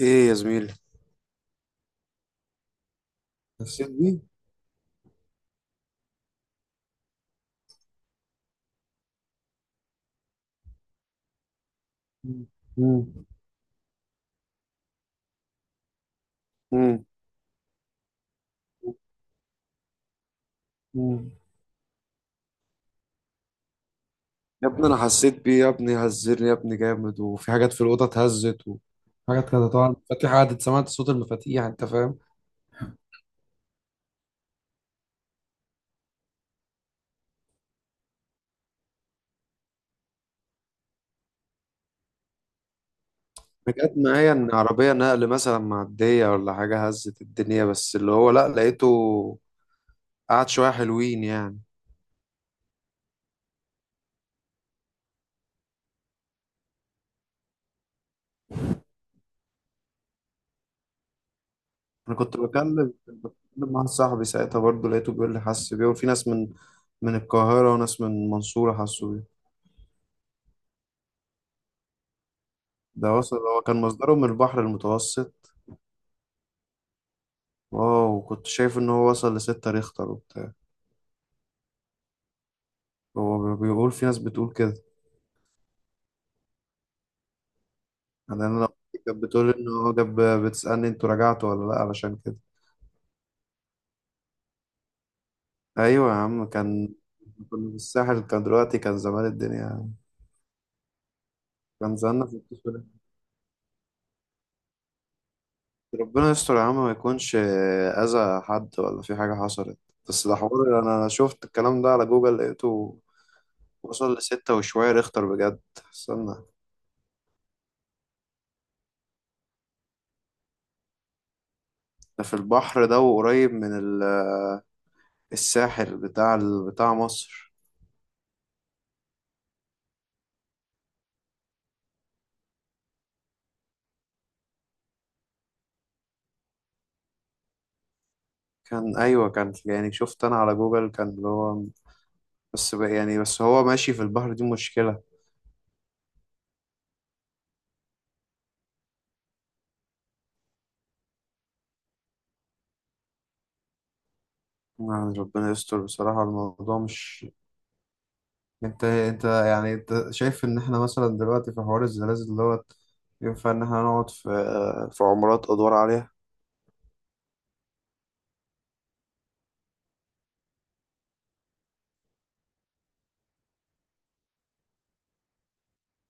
ايه يا زميلي. حسيت بيه. مم. مم. مم. مم. يا ابني انا حسيت بيه يا ابني، هزرني يا ابني جامد، وفي حاجات في الاوضه اتهزت و... حاجات كده. طبعا المفاتيح، قعدت سمعت صوت المفاتيح، انت فاهم. أنا جت معايا ان عربيه نقل مثلا معديه ولا حاجه هزت الدنيا، بس اللي هو لا، لقيته قعد شويه حلوين يعني. انا كنت بكلم مع صاحبي ساعتها، برضه لقيته بيقول لي حس بيه، وفي ناس من القاهره وناس من المنصوره حسوا بيه. ده وصل، هو كان مصدره من البحر المتوسط. اه، وكنت شايف ان هو وصل لستة ريختر وبتاع. هو بيقول في ناس بتقول كده. يعني انا لو كانت بتقول ان هو جاب، بتسألني انتوا رجعتوا ولا لا، علشان كده. ايوه يا عم، كان كنا في الساحل، كان دلوقتي كان زمان الدنيا يعني. كان زماننا في القصة ده. ربنا يستر يا عم، ما يكونش اذى حد ولا في حاجة حصلت. بس ده حوار، انا شفت الكلام ده على جوجل، لقيته وصل لستة وشوية ريختر بجد. استنى، ده في البحر، ده وقريب من الساحل بتاع بتاع مصر. كان ايوه كان يعني، شفت انا على جوجل كان اللي هو بس بقى، يعني بس هو ماشي في البحر، دي مشكلة. يعني ربنا يستر بصراحة. الموضوع مش، انت يعني، انت شايف ان احنا مثلا دلوقتي في حوار الزلازل دوت ينفع ان احنا نقعد في في عمارات ادوار عليها؟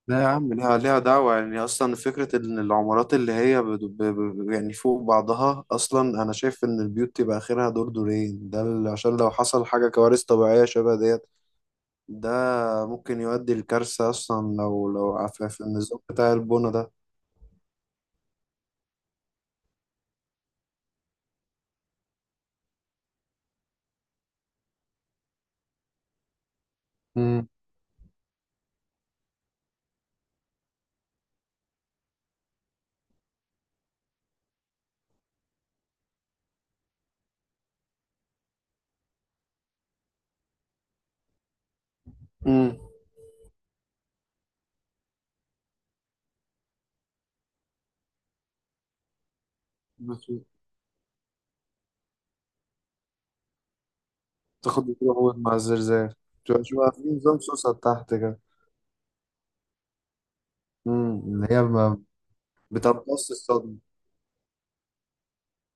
لا يا عم، ليها دعوة. يعني اصلا فكرة ان العمارات اللي هي يعني فوق بعضها، اصلا انا شايف ان البيوت تبقى اخرها دور دورين، ده عشان لو حصل حاجة كوارث طبيعية شبه ديت، ده ممكن يؤدي لكارثة أصلا، لو لو في النظام بتاع البنا ده. مم. امم. تاخد بتروح مع الزلزال، تبقى شبه في نظام سوسة تحت كده. امم، اللي هي ما، بتمتص الصدمة،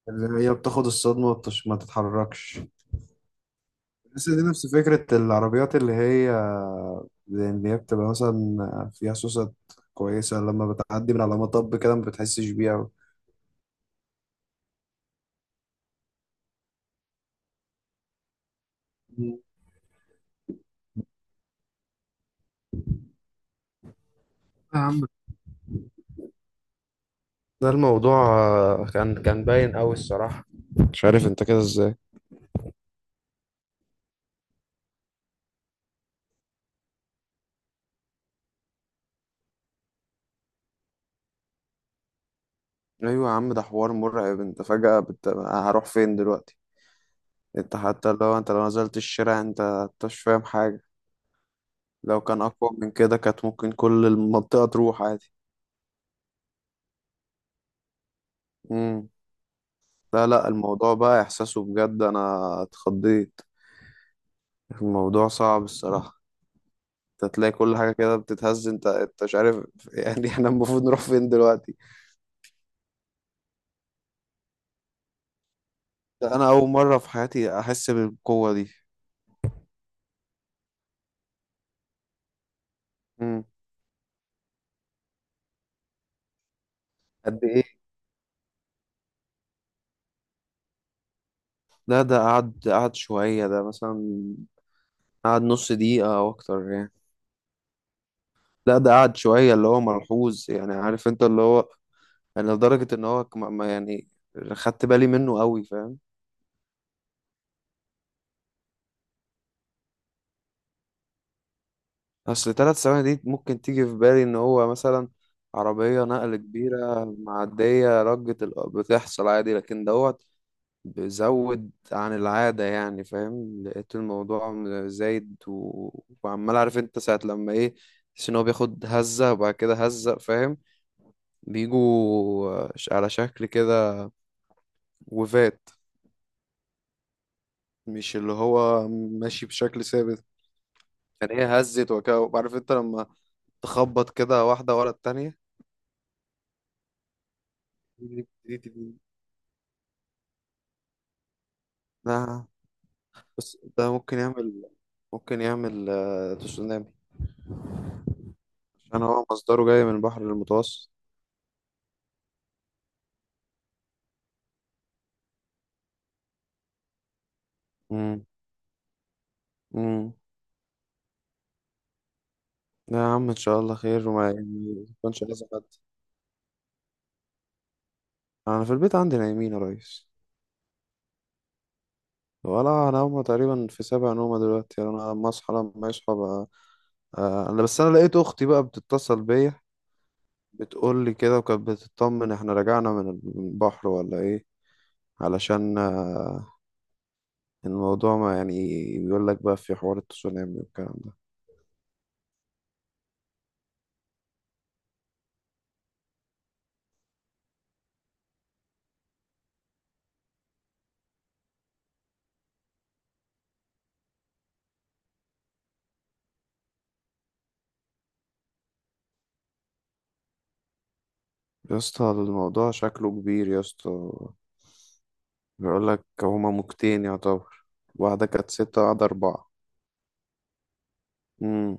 اللي هي بتاخد الصدمة ما تتحركش. بس دي نفس فكرة العربيات اللي هي، اللي هي بتبقى مثلا فيها سوسة كويسة، لما بتعدي من على مطب كده ما بتحسش بيها. مم. يا عم، ده الموضوع كان كان باين قوي الصراحة، مش عارف انت كده ازاي. ايوه يا عم، ده حوار مرعب. انت فجأة هروح فين دلوقتي؟ انت حتى لو انت لو نزلت الشارع، انت مش فاهم حاجة. لو كان اقوى من كده كانت ممكن كل المنطقة تروح عادي. امم. لا لا، الموضوع بقى احساسه بجد، انا اتخضيت. الموضوع صعب الصراحة. انت تلاقي كل حاجة كده بتتهز، انت مش عارف يعني احنا المفروض نروح فين دلوقتي؟ ده انا اول مرة في حياتي احس بالقوة دي. امم. قد ايه؟ لا ده قعد، قعد شوية ده مثلا، قعد نص دقيقة أو أكتر يعني. لا ده قعد شوية اللي هو ملحوظ، يعني عارف أنت اللي هو، يعني لدرجة إن هو ما يعني، خدت بالي منه قوي، فاهم. أصل تلات ثواني دي ممكن تيجي في بالي إن هو مثلا عربية نقل كبيرة معدية، رجة بتحصل عادي، لكن دوت بزود عن العادة، يعني فاهم، لقيت الموضوع زايد و... وعمال، عارف أنت ساعة لما إيه، تحس ان هو بياخد هزة وبعد كده هزة، فاهم، بيجوا على شكل كده وفات. مش اللي هو ماشي بشكل ثابت، يعني هي هزت وكده، عارف انت لما تخبط كده واحدة ورا التانية. ده بس ده ممكن يعمل، ممكن يعمل تسونامي، عشان هو مصدره جاي من البحر المتوسط. امم. امم. لا يا عم، ان شاء الله خير، وما يعني يكونش لازم حد. انا في البيت عندي نايمين يا ريس. ولا انا، هما تقريبا في سابع نومة دلوقتي، يعني انا لما اصحى لما يصحى. انا بس، انا لقيت اختي بقى بتتصل بيا، بتقول لي كده، وكانت بتطمن احنا رجعنا من البحر ولا ايه، علشان الموضوع ما يعني، بيقول لك بقى في حوار التسونامي والكلام ده. يا اسطى الموضوع شكله كبير يا اسطى. بيقول لك هما موجتين يعتبر، واحدة كانت ستة واحدة أربعة. امم.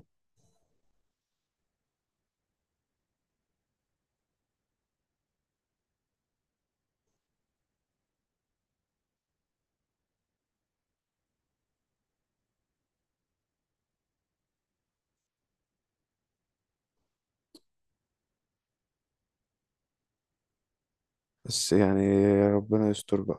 بس يعني ربنا يستر بقى.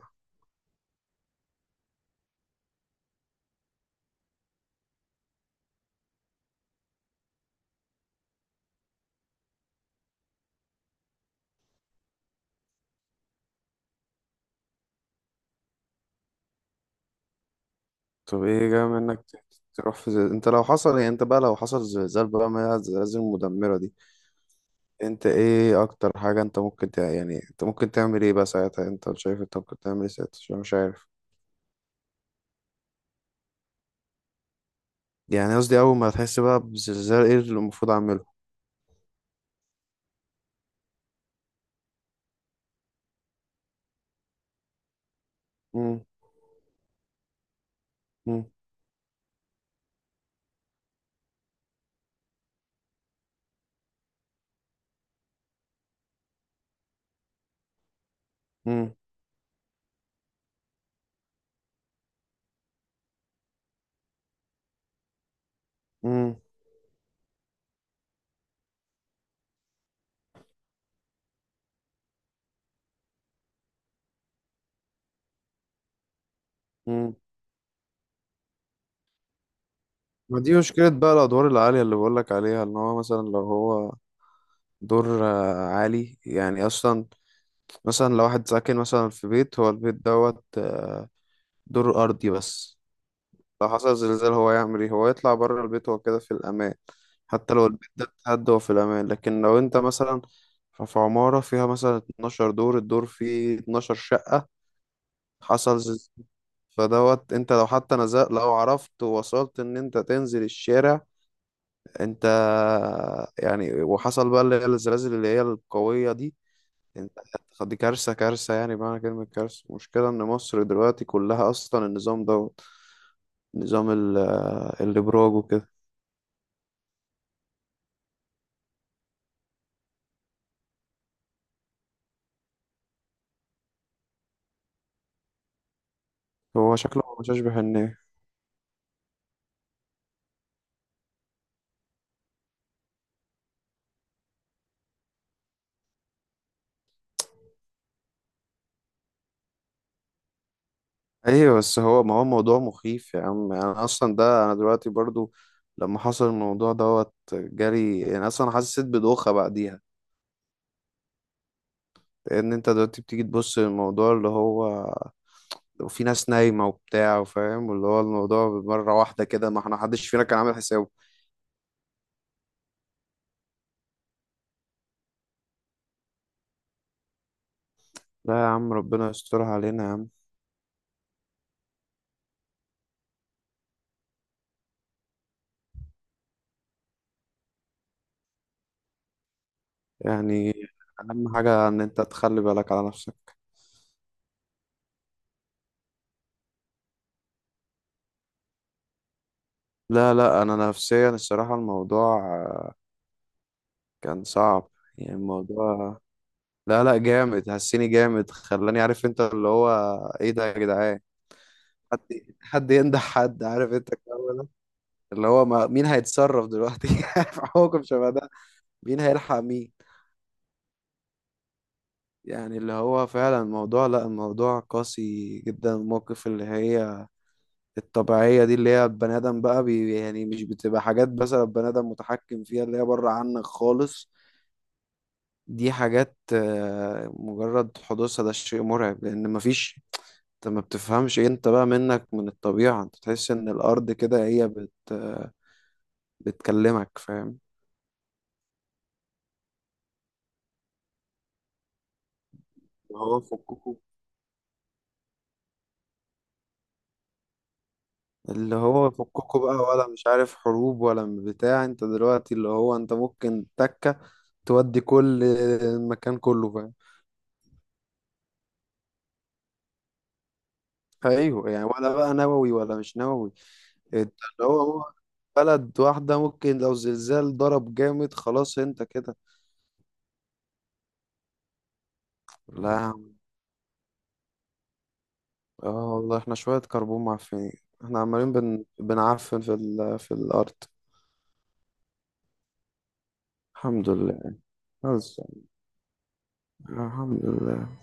طب ايه جاي منك، تروح في زي... انت لو حصل، يعني انت بقى لو حصل زلزال بقى، ما هي الزلازل المدمرة دي، انت ايه اكتر حاجة انت ممكن يعني انت ممكن تعمل ايه بقى ساعتها، انت شايف انت ممكن تعمل ايه ساعتها، عشان مش عارف. يعني قصدي اول ما تحس بقى بزلزال، ايه اللي المفروض اعمله؟ مم، مم، مم، مم، مم. ما دي مشكلة بقى، الادوار العالية اللي بقولك عليها، ان هو مثلا لو هو دور عالي يعني اصلا. مثلا لو واحد ساكن مثلا في بيت، هو البيت دوت دور ارضي بس، لو حصل زلزال هو يعمل ايه؟ هو يطلع بره البيت هو كده في الامان. حتى لو البيت ده اتهد هو في الامان. لكن لو انت مثلا في عمارة فيها مثلا 12 دور، الدور فيه 12 شقة، حصل زلزال، فدوت انت لو حتى نزلت، لو عرفت ووصلت ان انت تنزل الشارع، انت، يعني وحصل بقى اللي هي الزلازل اللي هي القوية دي، انت هتاخد- دي كارثة كارثة، يعني بمعنى كلمة كارثة. المشكلة ان مصر دلوقتي كلها اصلا النظام دوت، نظام الابراج وكده. هو شكله مش اشبه الناس. ايوه، بس هو ما هو موضوع مخيف يا عم، يعني انا اصلا ده انا دلوقتي برضو لما حصل الموضوع دوت جالي، انا اصلا حسيت بدوخة بعديها، لان انت دلوقتي بتيجي تبص للموضوع اللي هو، وفي ناس نايمة وبتاع وفاهم، واللي هو الموضوع مرة واحدة كده، ما احنا محدش فينا كان عامل حسابه. لا يا عم ربنا يسترها علينا يا عم. يعني أهم حاجة إن أنت تخلي بالك على نفسك. لا لا أنا نفسيا الصراحة الموضوع آه، كان صعب. يعني الموضوع، لا لا جامد، هسيني جامد، خلاني عارف أنت اللي هو، إيه ده يا جدعان؟ حد، حد ينده، حد، عارف أنت الجو ده، اللي هو ما مين هيتصرف دلوقتي؟ في حكم شبه ده، مين هيلحق مين؟ يعني اللي هو فعلا الموضوع، لا الموضوع قاسي جدا، الموقف اللي هي الطبيعية دي، اللي هي البني آدم بقى بي، يعني مش بتبقى حاجات مثلا البني آدم متحكم فيها، اللي هي بره عنك خالص. دي حاجات مجرد حدوثها ده شيء مرعب، لأن مفيش، انت ما بتفهمش إيه، انت بقى منك من الطبيعة، انت تحس ان الأرض كده هي بت آه، بتكلمك، فاهم. اللي هو فككوا، اللي هو فككوا بقى ولا مش عارف، حروب ولا بتاع، انت دلوقتي اللي هو انت ممكن تكة تودي كل المكان كله، فاهم. ايوه يعني، ولا بقى نووي ولا مش نووي. انت اللي هو هو، بلد واحدة ممكن لو زلزال ضرب جامد خلاص انت كده. لا يا عم. اه والله احنا شوية كربون معفنين، احنا عمالين بنعفن في في الأرض. الحمد لله. بس الحمد لله.